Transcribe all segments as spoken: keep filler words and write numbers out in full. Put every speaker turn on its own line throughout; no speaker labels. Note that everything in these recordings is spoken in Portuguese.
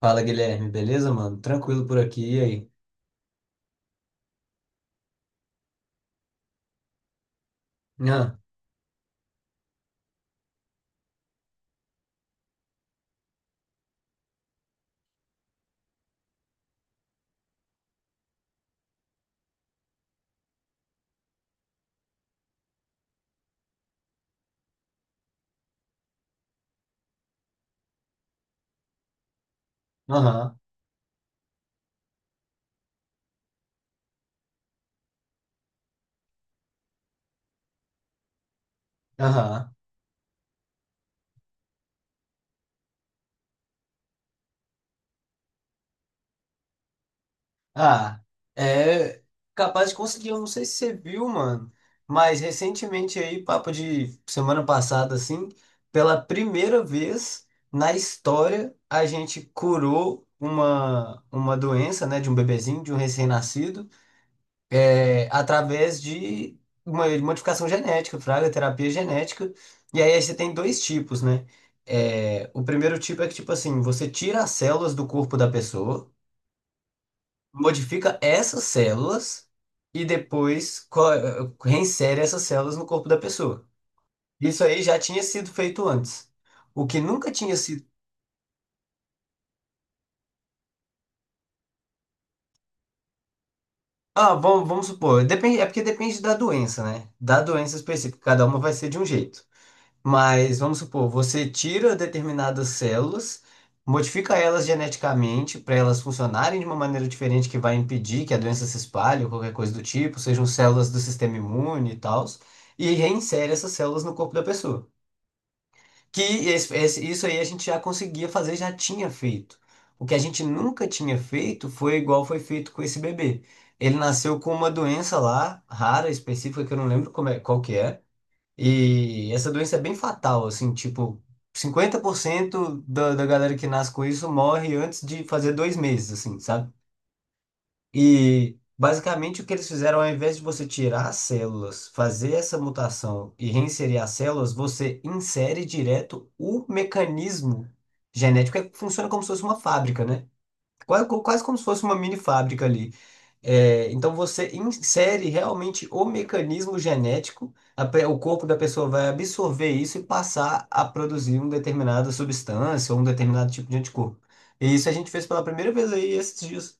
Fala, Guilherme, beleza, mano? Tranquilo por aqui, e aí? Ah. Aham, aham. Ah, é capaz de conseguir, eu não sei se você viu, mano, mas recentemente aí, papo de semana passada, assim, pela primeira vez na história, a gente curou uma, uma doença, né, de um bebezinho, de um recém-nascido, é, através de uma modificação genética, fraga, terapia genética. E aí, você tem dois tipos, né? É, o primeiro tipo é que, tipo assim, você tira as células do corpo da pessoa, modifica essas células e depois co- eh, reinsere essas células no corpo da pessoa. Isso aí já tinha sido feito antes. O que nunca tinha sido. Ah, vamos, vamos supor, depende, é porque depende da doença, né? Da doença específica, cada uma vai ser de um jeito. Mas vamos supor, você tira determinadas células, modifica elas geneticamente para elas funcionarem de uma maneira diferente que vai impedir que a doença se espalhe ou qualquer coisa do tipo, sejam células do sistema imune e tal, e reinsere essas células no corpo da pessoa. Que esse- esse- isso aí a gente já conseguia fazer, já tinha feito. O que a gente nunca tinha feito foi igual foi feito com esse bebê. Ele nasceu com uma doença lá, rara, específica, que eu não lembro como é- qual que é. E essa doença é bem fatal, assim, tipo, cinquenta por cento da, da galera que nasce com isso morre antes de fazer dois meses, assim, sabe? E basicamente o que eles fizeram, ao invés de você tirar as células, fazer essa mutação e reinserir as células, você insere direto o mecanismo genético, que funciona como se fosse uma fábrica, né? Quase, quase como se fosse uma mini fábrica ali. É, então você insere realmente o mecanismo genético, a pe- o corpo da pessoa vai absorver isso e passar a produzir uma determinada substância ou um determinado tipo de anticorpo. E isso a gente fez pela primeira vez aí esses dias.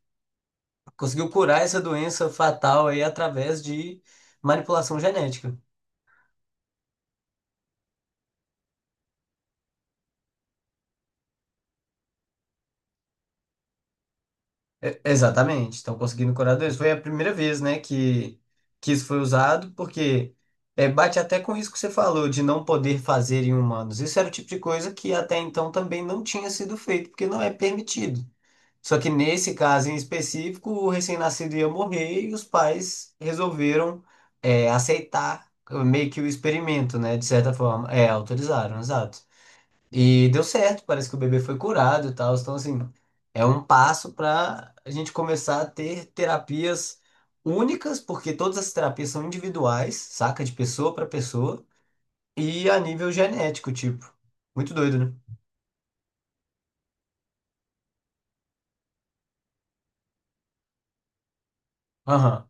Conseguiu curar essa doença fatal aí através de manipulação genética. É, exatamente, estão conseguindo curadores. Foi a primeira vez, né, que, que isso foi usado, porque é, bate até com o risco que você falou de não poder fazer em humanos. Isso era o tipo de coisa que até então também não tinha sido feito, porque não é permitido. Só que nesse caso em específico, o recém-nascido ia morrer e os pais resolveram é, aceitar meio que o experimento, né, de certa forma. É, autorizaram, exato. E deu certo, parece que o bebê foi curado e tal. Então, assim, é um passo para a gente começar a ter terapias únicas, porque todas as terapias são individuais, saca? De pessoa para pessoa, e a nível genético, tipo. Muito doido, né? Aham.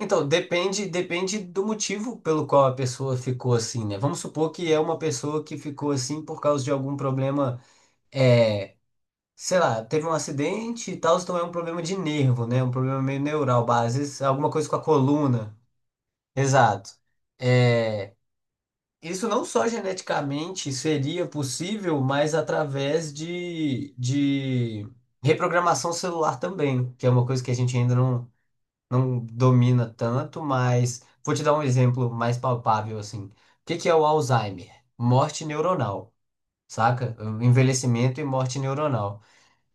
Então, depende, depende do motivo pelo qual a pessoa ficou assim, né? Vamos supor que é uma pessoa que ficou assim por causa de algum problema é, sei lá, teve um acidente e tal, então é um problema de nervo, né? Um problema meio neural, ba- às vezes alguma coisa com a coluna. Exato. É, isso não só geneticamente seria possível, mas através de, de reprogramação celular também, que é uma coisa que a gente ainda não, não domina tanto, mas vou te dar um exemplo mais palpável assim. O que que é o Alzheimer? Morte neuronal, saca? Envelhecimento e morte neuronal.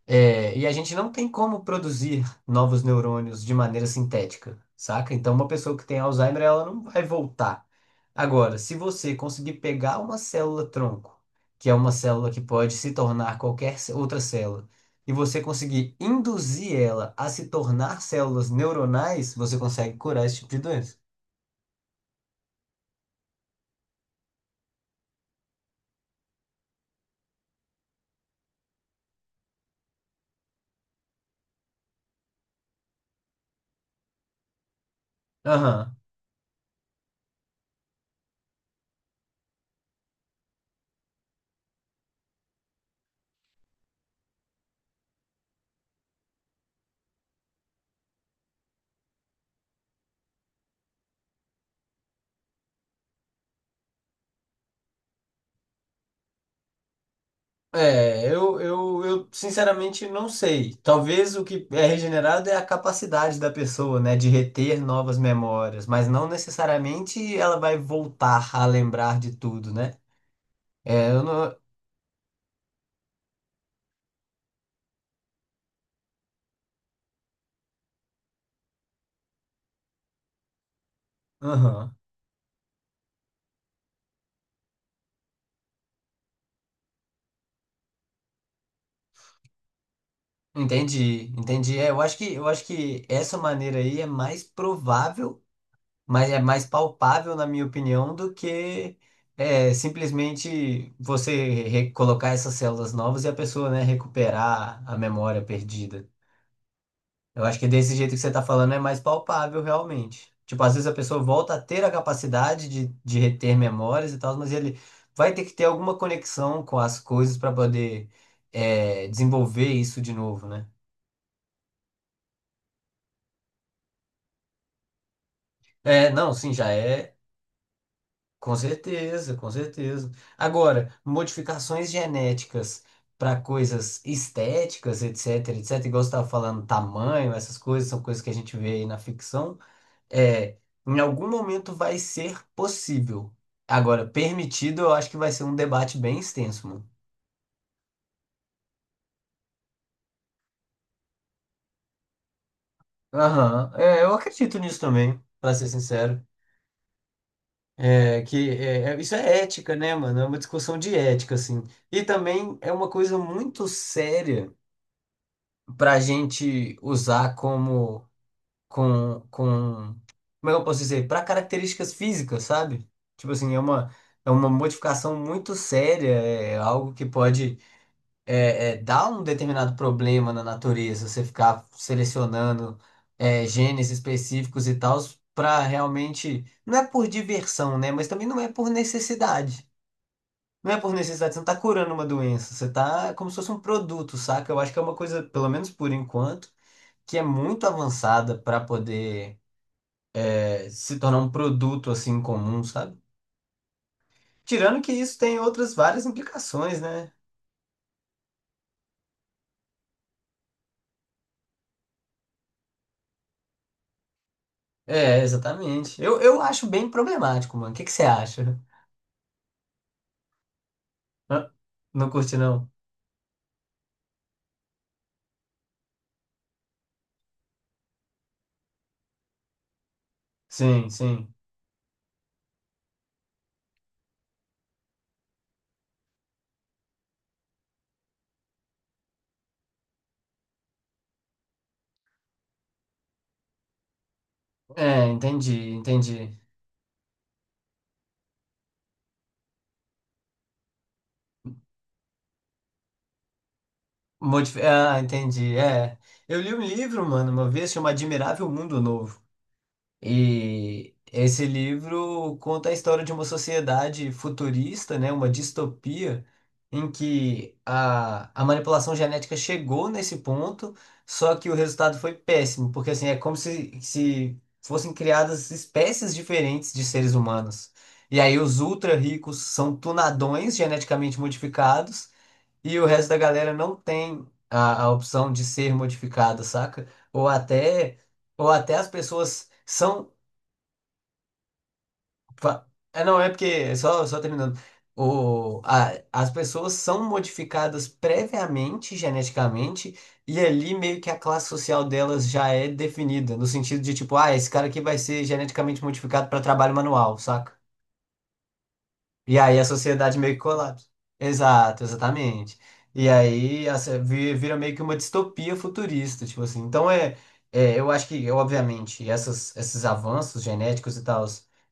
É, e a gente não tem como produzir novos neurônios de maneira sintética, saca? Então, uma pessoa que tem Alzheimer, ela não vai voltar. Agora, se você conseguir pegar uma célula-tronco, que é uma célula que pode se tornar qualquer ce- outra célula, e você conseguir induzir ela a se tornar células neuronais, você consegue curar esse tipo de doença. Aham. É, eu, eu, eu sinceramente não sei. Talvez o que é regenerado é a capacidade da pessoa, né, de reter novas memórias, mas não necessariamente ela vai voltar a lembrar de tudo, né? É, eu não. Aham. Entendi, entendi. É, eu acho que, eu acho que essa maneira aí é mais provável, mas é mais palpável, na minha opinião, do que é, simplesmente você re- colocar essas células novas e a pessoa, né, recuperar a memória perdida. Eu acho que desse jeito que você tá falando é mais palpável, realmente. Tipo, às vezes a pessoa volta a ter a capacidade de, de reter memórias e tal, mas ele vai ter que ter alguma conexão com as coisas para poder é, desenvolver isso de novo, né? É, não, sim, já é. Com certeza, com certeza. Agora, modificações genéticas para coisas estéticas, etc, etc, igual você estava falando, tamanho, essas coisas são coisas que a gente vê aí na ficção. É, em algum momento vai ser possível. Agora, permitido, eu acho que vai ser um debate bem extenso, mano. Aham, é, eu acredito nisso também, pra ser sincero. É, que é, é- isso é ética, né, mano? É uma discussão de ética, assim. E também é uma coisa muito séria pra gente usar como, com, com, como é que eu posso dizer? Pra características físicas, sabe? Tipo assim, é uma, é uma modificação muito séria, é algo que pode é, é, dá um determinado problema na natureza, você ficar selecionando é, genes específicos e tal, para realmente. Não é por diversão, né? Mas também não é por necessidade. Não é por necessidade, você não tá curando uma doença, você tá como se fosse um produto, saca? Eu acho que é uma coisa, pelo menos por enquanto, que é muito avançada para poder é, se tornar um produto assim comum, sabe? Tirando que isso tem outras várias implicações, né? É, exatamente. Eu, eu acho bem problemático, mano. O que que você acha? Ah. Não curte, não? Sim, sim. É, entendi, entendi. Modif- Ah, entendi. É. Eu li um livro, mano, uma vez, chama Admirável Mundo Novo. E esse livro conta a história de uma sociedade futurista, né, uma distopia, em que a, a manipulação genética chegou nesse ponto, só que o resultado foi péssimo, porque assim, é como se, se fossem criadas espécies diferentes de seres humanos. E aí os ultra ricos são tunadões geneticamente modificados, e o resto da galera não tem a, a opção de ser modificado, saca? Ou até, ou até as pessoas são Fa- é, não, é porque, só, só terminando, o, a- as pessoas são modificadas previamente, geneticamente, e ali meio que a classe social delas já é definida, no sentido de tipo, ah, esse cara aqui vai ser geneticamente modificado para trabalho manual, saca? E aí a sociedade meio que colapsa. Exato, exatamente. E aí a se- vi- vira meio que uma distopia futurista, tipo assim. Então é, é, eu acho que, obviamente, essas, esses avanços genéticos e tal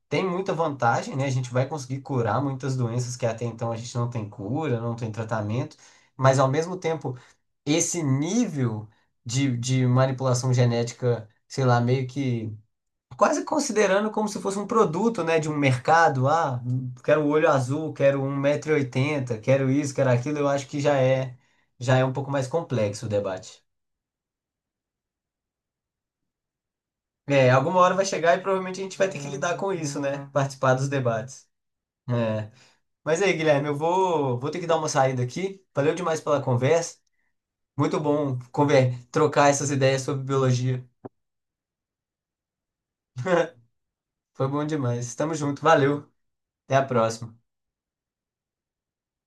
tem muita vantagem, né? A gente vai conseguir curar muitas doenças que até então a gente não tem cura, não tem tratamento, mas ao mesmo tempo, esse nível de, de manipulação genética, sei lá, meio que quase considerando como se fosse um produto, né, de um mercado. Ah, quero o olho azul, quero um 180 oitenta, quero isso, quero aquilo. Eu acho que já é, já é um pouco mais complexo o debate. É, alguma hora vai chegar e provavelmente a gente vai ter que lidar com isso, né? Participar dos debates. É. Mas aí, Guilherme, eu vou, vou ter que dar uma saída aqui. Valeu demais pela conversa. Muito bom conver trocar essas ideias sobre biologia. Foi bom demais. Tamo junto. Valeu. Até a próxima.